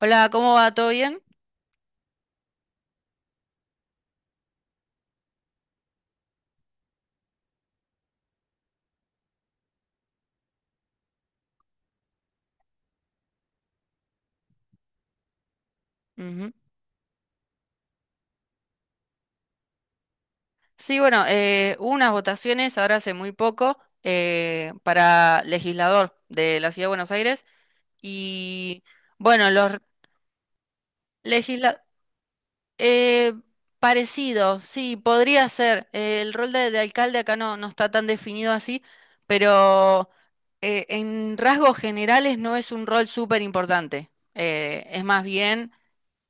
Hola, ¿cómo va? ¿Todo bien? Ujú. Sí, bueno, hubo unas votaciones ahora hace muy poco para legislador de la Ciudad de Buenos Aires y bueno, los legisladores... parecido, sí, podría ser. El rol de alcalde acá no, no está tan definido así, pero en rasgos generales no es un rol súper importante. Es más bien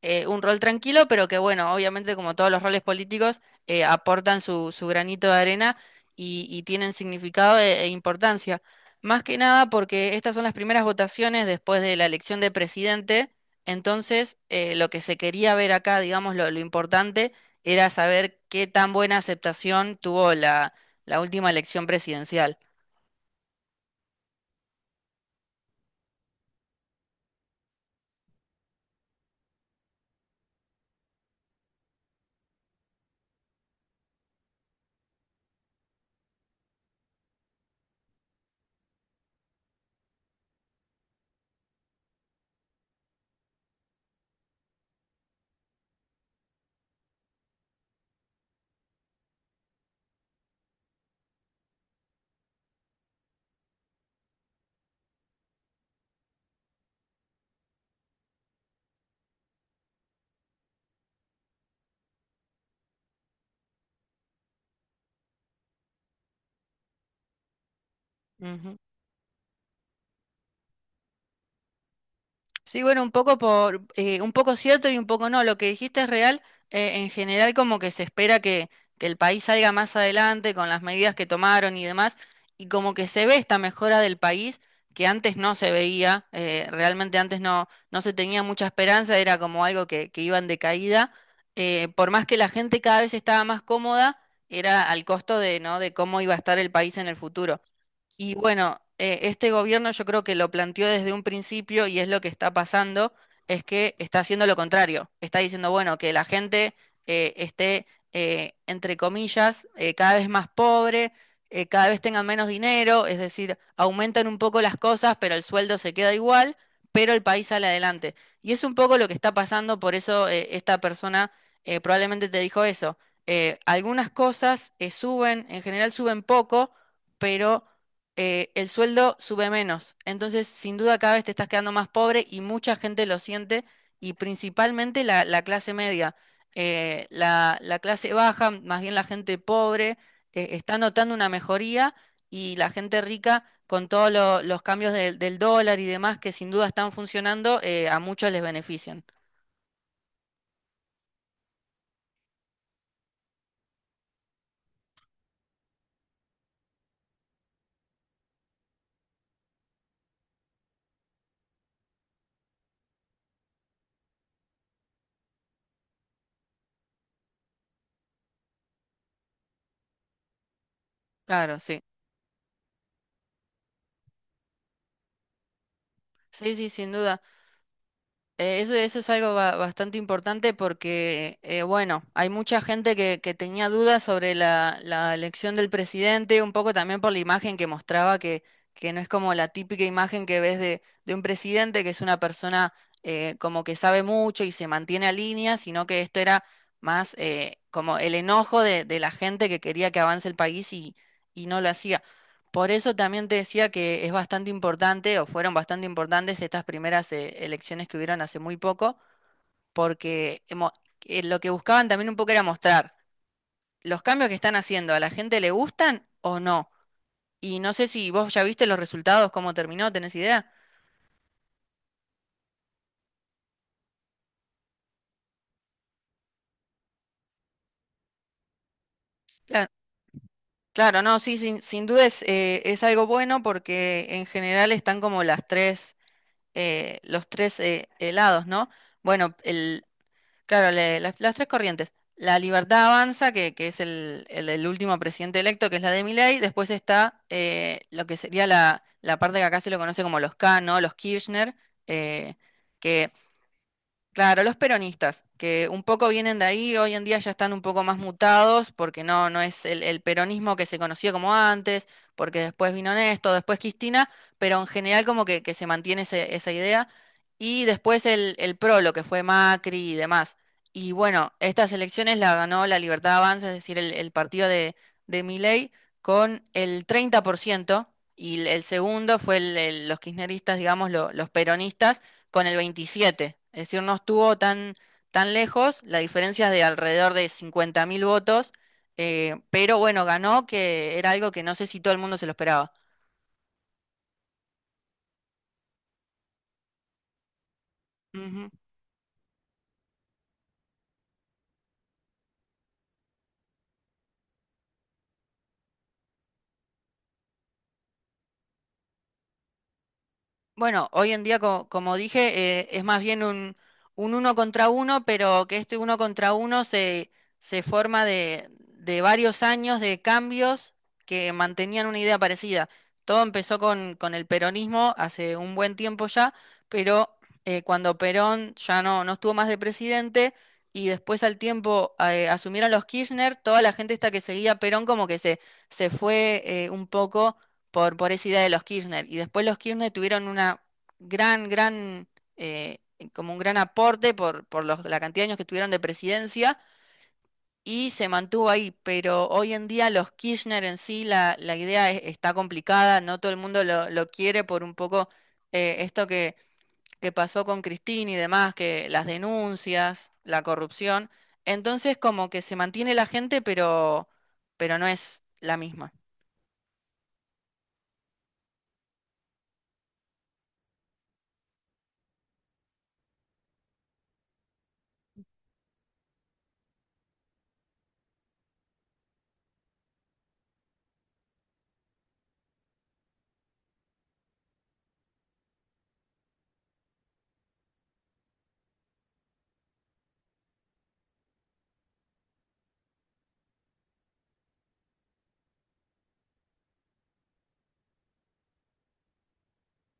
un rol tranquilo, pero que bueno, obviamente como todos los roles políticos, aportan su, su granito de arena y tienen significado e, e importancia. Más que nada porque estas son las primeras votaciones después de la elección de presidente, entonces lo que se quería ver acá, digamos, lo importante era saber qué tan buena aceptación tuvo la, la última elección presidencial. Sí, bueno, un poco por, un poco cierto y un poco no. Lo que dijiste es real. En general, como que se espera que el país salga más adelante con las medidas que tomaron y demás, y como que se ve esta mejora del país que antes no se veía. Realmente antes no, no se tenía mucha esperanza, era como algo que iba en decaída. Por más que la gente cada vez estaba más cómoda, era al costo de, ¿no? De cómo iba a estar el país en el futuro. Y bueno, este gobierno yo creo que lo planteó desde un principio y es lo que está pasando, es que está haciendo lo contrario. Está diciendo, bueno, que la gente esté, entre comillas, cada vez más pobre, cada vez tengan menos dinero, es decir, aumentan un poco las cosas, pero el sueldo se queda igual, pero el país sale adelante. Y es un poco lo que está pasando, por eso esta persona probablemente te dijo eso. Algunas cosas suben, en general suben poco, pero el sueldo sube menos. Entonces, sin duda, cada vez te estás quedando más pobre y mucha gente lo siente, y principalmente la, la clase media. La, la clase baja, más bien la gente pobre, está notando una mejoría y la gente rica, con todos los cambios del dólar y demás que sin duda están funcionando, a muchos les benefician. Claro, sí. Sí, sí, sin duda. Eso es algo bastante importante porque, bueno, hay mucha gente que tenía dudas sobre la, la elección del presidente, un poco también por la imagen que mostraba, que no es como la típica imagen que ves de un presidente, que es una persona como que sabe mucho y se mantiene a línea, sino que esto era más como el enojo de la gente que quería que avance el país y no lo hacía. Por eso también te decía que es bastante importante, o fueron bastante importantes estas primeras elecciones que hubieron hace muy poco, porque lo que buscaban también un poco era mostrar los cambios que están haciendo, ¿a la gente le gustan o no? Y no sé si vos ya viste los resultados, cómo terminó, ¿tenés idea? Claro, claro, no, sí, sin, sin duda es algo bueno porque en general están como las tres, los tres helados, ¿no? Bueno, claro, las tres corrientes. La Libertad Avanza, que es el último presidente electo, que es la de Milei. Después está lo que sería la, la parte que acá se lo conoce como los K, ¿no? Los Kirchner, eh, que claro, los peronistas, que un poco vienen de ahí, hoy en día ya están un poco más mutados, porque no, no es el peronismo que se conocía como antes, porque después vino Néstor, después Cristina, pero en general como que se mantiene esa idea, y después el PRO, lo que fue Macri y demás. Y bueno, estas elecciones la ganó la Libertad Avanza, es decir, el partido de Milei, con el 30%, y el segundo fue los kirchneristas, digamos, los peronistas con el 27. Es decir, no estuvo tan, tan lejos, la diferencia es de alrededor de 50.000 votos, pero bueno, ganó, que era algo que no sé si todo el mundo se lo esperaba. Bueno, hoy en día, como dije, es más bien un uno contra uno, pero que este uno contra uno se, se forma de varios años de cambios que mantenían una idea parecida. Todo empezó con el peronismo hace un buen tiempo ya, pero cuando Perón ya no, no estuvo más de presidente y después al tiempo asumieron los Kirchner, toda la gente esta que seguía a Perón como que se fue un poco por esa idea de los Kirchner. Y después los Kirchner tuvieron una gran, gran, eh, como un gran aporte por, por la cantidad de años que tuvieron de presidencia y se mantuvo ahí. Pero hoy en día los Kirchner en sí, la idea está complicada, no todo el mundo lo quiere por un poco esto que pasó con Cristina y demás, que las denuncias, la corrupción. Entonces como que se mantiene la gente, pero no es la misma.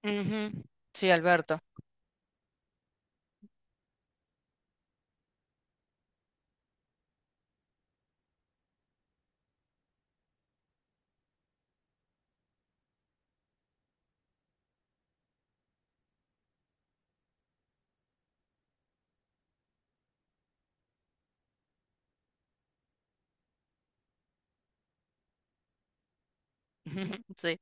Ujú. Sí, Alberto. Sí.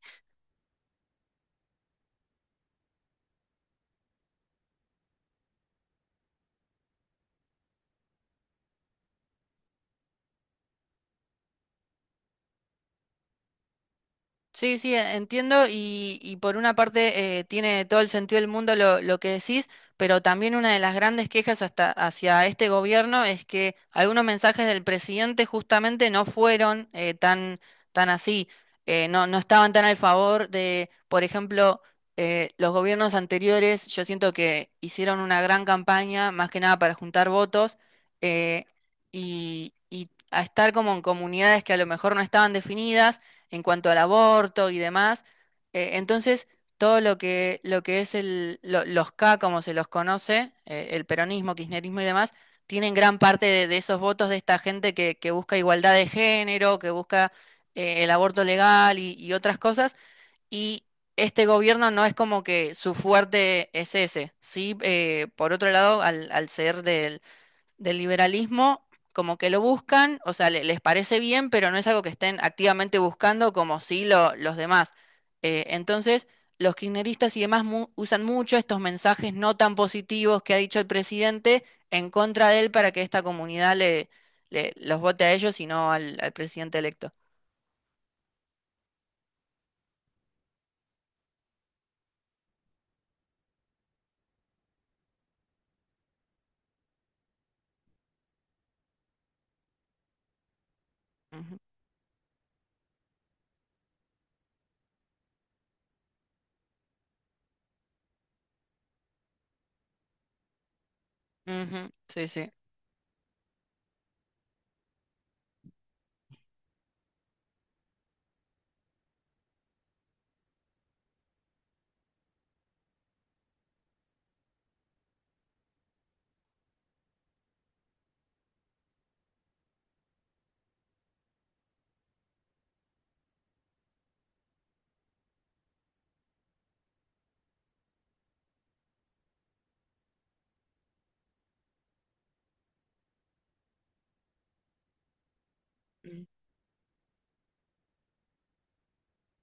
Sí, sí, entiendo y por una parte tiene todo el sentido del mundo lo que decís, pero también una de las grandes quejas hasta hacia este gobierno es que algunos mensajes del presidente justamente no fueron tan, tan así, no, no estaban tan al favor de, por ejemplo, los gobiernos anteriores, yo siento que hicieron una gran campaña, más que nada para juntar votos, eh, y a estar como en comunidades que a lo mejor no estaban definidas en cuanto al aborto y demás. Entonces, todo lo que es el, los K, como se los conoce, el peronismo, kirchnerismo y demás, tienen gran parte de esos votos de esta gente que busca igualdad de género, que busca el aborto legal y otras cosas. Y este gobierno no es como que su fuerte es ese. Sí, por otro lado, al, al ser del liberalismo como que lo buscan, o sea, les parece bien, pero no es algo que estén activamente buscando como sí los demás. Entonces, los kirchneristas y demás usan mucho estos mensajes no tan positivos que ha dicho el presidente en contra de él para que esta comunidad los vote a ellos y no al, al presidente electo. Ujú. Ujú, sí, sí.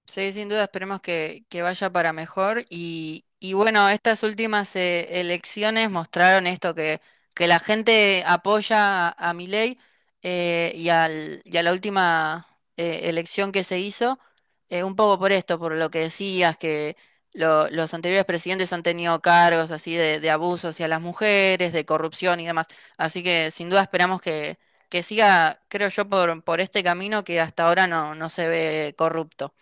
Sí, sin duda esperemos que vaya para mejor. Y bueno, estas últimas elecciones mostraron esto, que la gente apoya a Milei y, al, y a la última elección que se hizo, un poco por esto, por lo que decías, que los anteriores presidentes han tenido cargos así de abuso hacia las mujeres, de corrupción y demás. Así que sin duda esperamos que siga, creo yo, por este camino que hasta ahora no, no se ve corrupto.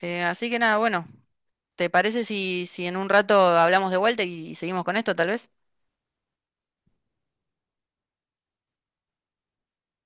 Así que nada, bueno, ¿te parece si, si en un rato hablamos de vuelta y seguimos con esto, tal vez?